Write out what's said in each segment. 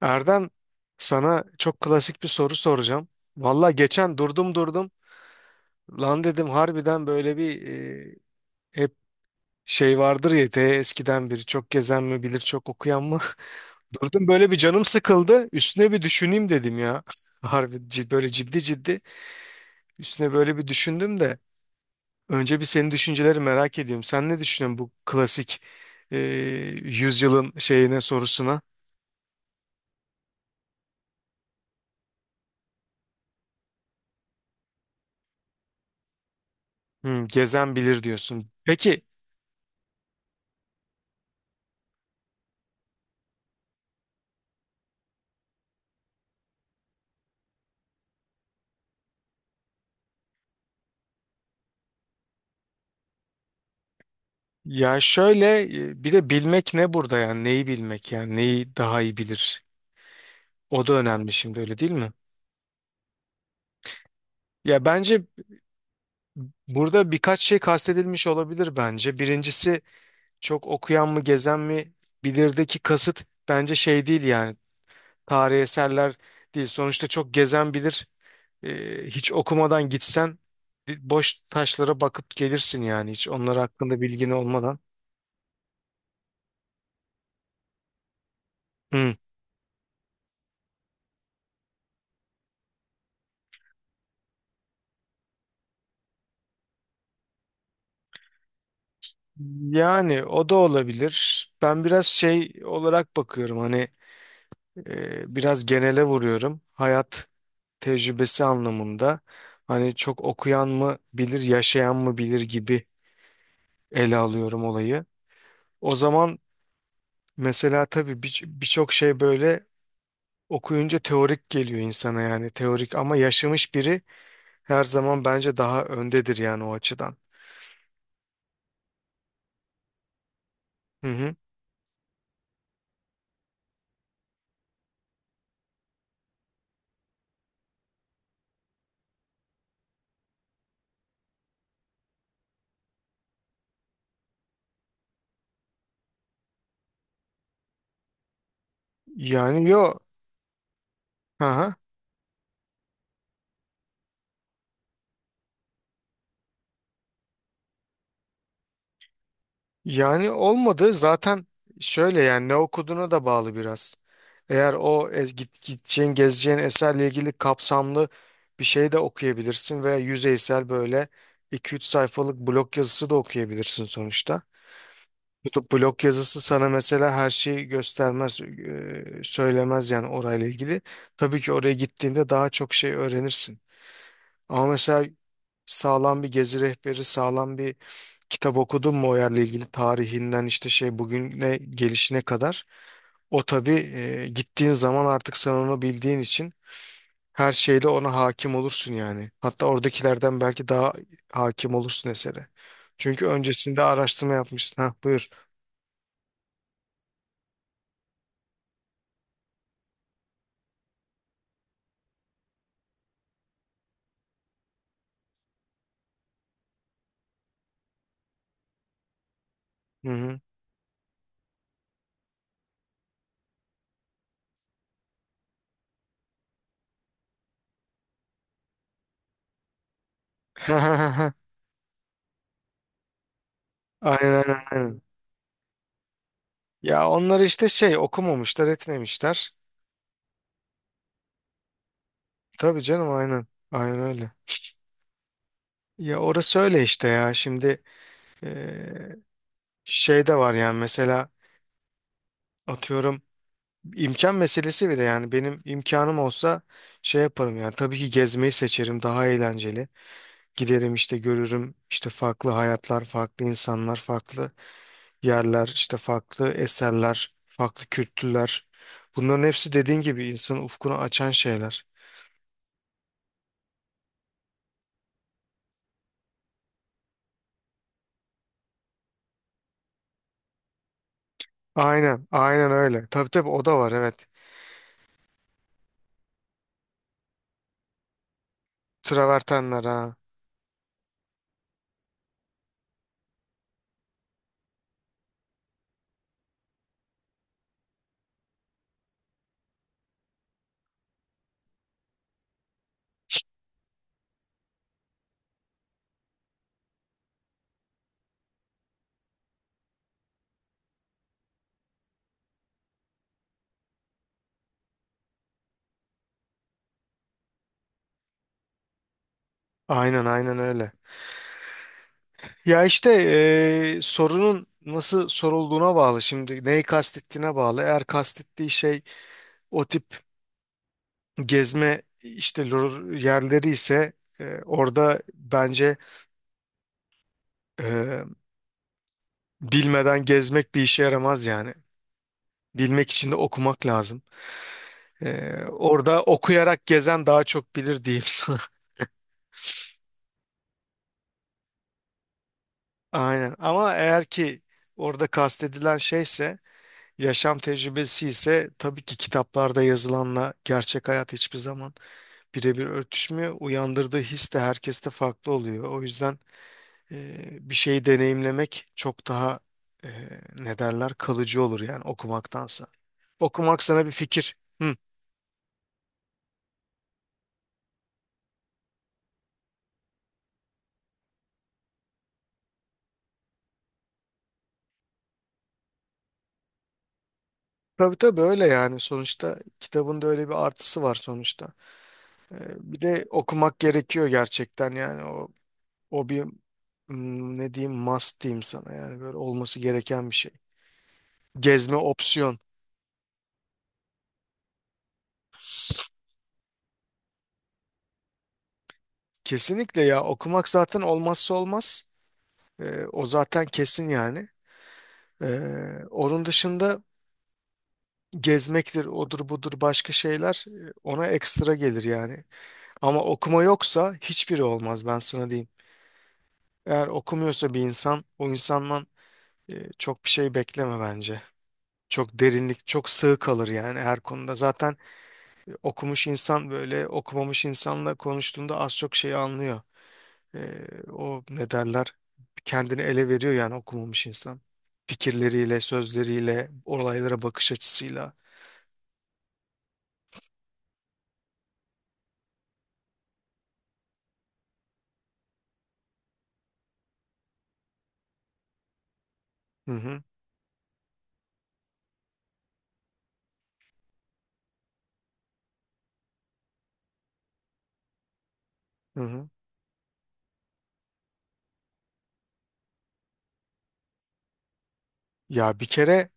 Erdem, sana çok klasik bir soru soracağım. Valla geçen durdum. Lan dedim harbiden böyle hep şey vardır ya te eskiden biri çok gezen mi bilir çok okuyan mı? Durdum böyle bir canım sıkıldı. Üstüne bir düşüneyim dedim ya. Harbi böyle ciddi ciddi üstüne böyle bir düşündüm de. Önce bir senin düşünceleri merak ediyorum. Sen ne düşünüyorsun bu klasik e, yüzyılın şeyine sorusuna? Hmm, gezen bilir diyorsun. Peki ya şöyle bir de bilmek ne burada yani neyi bilmek yani neyi daha iyi bilir, o da önemli şimdi, öyle değil mi? Ya bence burada birkaç şey kastedilmiş olabilir bence. Birincisi çok okuyan mı gezen mi bilirdeki kasıt bence şey değil yani tarihi eserler değil. Sonuçta çok gezen bilir. E, hiç okumadan gitsen boş taşlara bakıp gelirsin yani hiç onlar hakkında bilgin olmadan. Hmm. Yani o da olabilir. Ben biraz şey olarak bakıyorum hani biraz genele vuruyorum. Hayat tecrübesi anlamında hani çok okuyan mı bilir, yaşayan mı bilir gibi ele alıyorum olayı. O zaman mesela tabii birçok şey böyle okuyunca teorik geliyor insana yani teorik, ama yaşamış biri her zaman bence daha öndedir yani o açıdan. Hı hı. Yani yo. Hı hı. Yani olmadı zaten, şöyle yani ne okuduğuna da bağlı biraz. Eğer o gideceğin gezeceğin eserle ilgili kapsamlı bir şey de okuyabilirsin veya yüzeysel böyle 2-3 sayfalık blog yazısı da okuyabilirsin sonuçta. Bu blog yazısı sana mesela her şeyi göstermez, söylemez yani orayla ilgili. Tabii ki oraya gittiğinde daha çok şey öğrenirsin. Ama mesela sağlam bir gezi rehberi, sağlam bir kitap okudun mu o yerle ilgili tarihinden işte şey bugüne gelişine kadar. O tabii, gittiğin zaman artık sen onu bildiğin için her şeyle ona hakim olursun yani. Hatta oradakilerden belki daha hakim olursun esere. Çünkü öncesinde araştırma yapmışsın. Ha buyur. Hı hı. Aynen aynen aynen. Ya onlar işte şey okumamışlar etmemişler. Tabii canım aynen. Aynen öyle. Ya orası öyle işte ya. Şimdi e, şey de var yani mesela atıyorum İmkan meselesi bile yani benim imkanım olsa şey yaparım yani tabii ki gezmeyi seçerim, daha eğlenceli. Giderim işte görürüm işte farklı hayatlar, farklı insanlar, farklı yerler, işte farklı eserler, farklı kültürler. Bunların hepsi dediğin gibi insanın ufkunu açan şeyler. Aynen, aynen öyle. Tabii tabii o da var, evet. Travertenler ha. Aynen aynen öyle. Ya işte sorunun nasıl sorulduğuna bağlı şimdi. Neyi kastettiğine bağlı. Eğer kastettiği şey o tip gezme işte yerleri ise orada bence e, bilmeden gezmek bir işe yaramaz yani. Bilmek için de okumak lazım. E, orada okuyarak gezen daha çok bilir diyeyim sana. Aynen. Ama eğer ki orada kastedilen şeyse, yaşam tecrübesi ise, tabii ki kitaplarda yazılanla gerçek hayat hiçbir zaman birebir örtüşmüyor. Uyandırdığı his de herkeste farklı oluyor. O yüzden bir şeyi deneyimlemek çok daha ne derler kalıcı olur yani okumaktansa. Okumak sana bir fikir. Hı. Tabii tabii öyle yani, sonuçta kitabın da öyle bir artısı var sonuçta. E, bir de okumak gerekiyor gerçekten yani o o ne diyeyim must diyeyim sana yani, böyle olması gereken bir şey. Gezme opsiyon. Kesinlikle ya, okumak zaten olmazsa olmaz. E, o zaten kesin yani. E, onun dışında gezmektir, odur budur başka şeyler ona ekstra gelir yani. Ama okuma yoksa hiçbiri olmaz, ben sana diyeyim. Eğer okumuyorsa bir insan, o insandan çok bir şey bekleme bence. Çok derinlik, çok sığ kalır yani her konuda. Zaten okumuş insan böyle okumamış insanla konuştuğunda az çok şeyi anlıyor. E, o ne derler? Kendini ele veriyor yani okumamış insan. Fikirleriyle, sözleriyle, olaylara bakış açısıyla. Hı hı, hı hı. Ya bir kere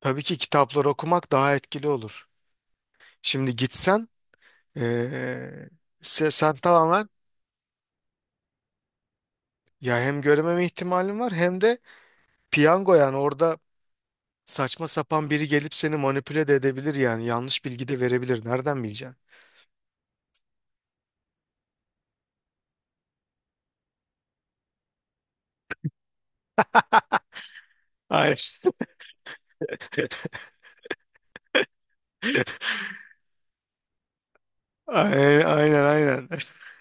tabii ki kitapları okumak daha etkili olur. Şimdi gitsen, eee, sen tamamen ya hem görmeme ihtimalin var, hem de piyango yani orada saçma sapan biri gelip seni manipüle de edebilir yani yanlış bilgi de verebilir. Nereden bileceksin? Aynen. Aynen aynen, aynen.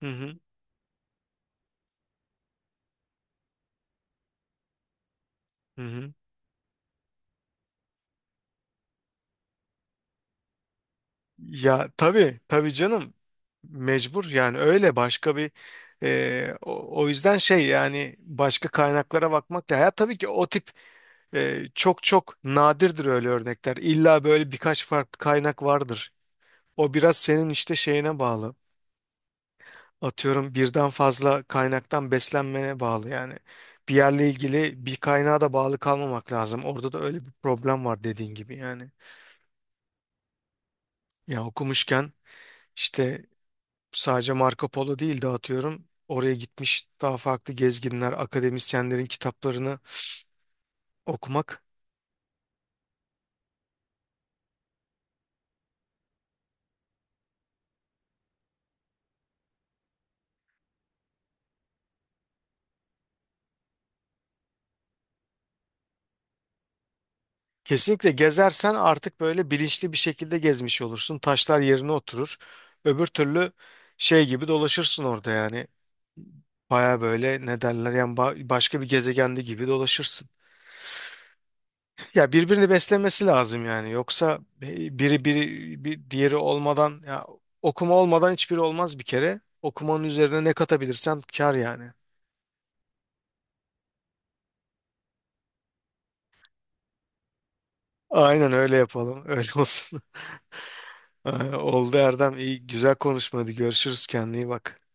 Hı hı, hı hı. Ya tabii tabii canım mecbur yani, öyle başka bir o yüzden şey yani başka kaynaklara bakmak da, ya tabii ki o tip. Çok çok nadirdir öyle örnekler. İlla böyle birkaç farklı kaynak vardır. O biraz senin işte şeyine bağlı. Atıyorum birden fazla kaynaktan beslenmene bağlı yani. Bir yerle ilgili bir kaynağa da bağlı kalmamak lazım. Orada da öyle bir problem var dediğin gibi yani. Ya okumuşken işte sadece Marco Polo değil de atıyorum oraya gitmiş daha farklı gezginler, akademisyenlerin kitaplarını okumak. Kesinlikle gezersen artık böyle bilinçli bir şekilde gezmiş olursun. Taşlar yerine oturur. Öbür türlü şey gibi dolaşırsın orada yani. Baya böyle ne derler yani başka bir gezegende gibi dolaşırsın. Ya birbirini beslemesi lazım yani. Yoksa biri bir diğeri olmadan ya, okuma olmadan hiçbiri olmaz bir kere. Okumanın üzerine ne katabilirsen kar yani. Aynen öyle yapalım. Öyle olsun. Oldu Erdem. İyi güzel konuşmadı. Görüşürüz, kendine iyi bak.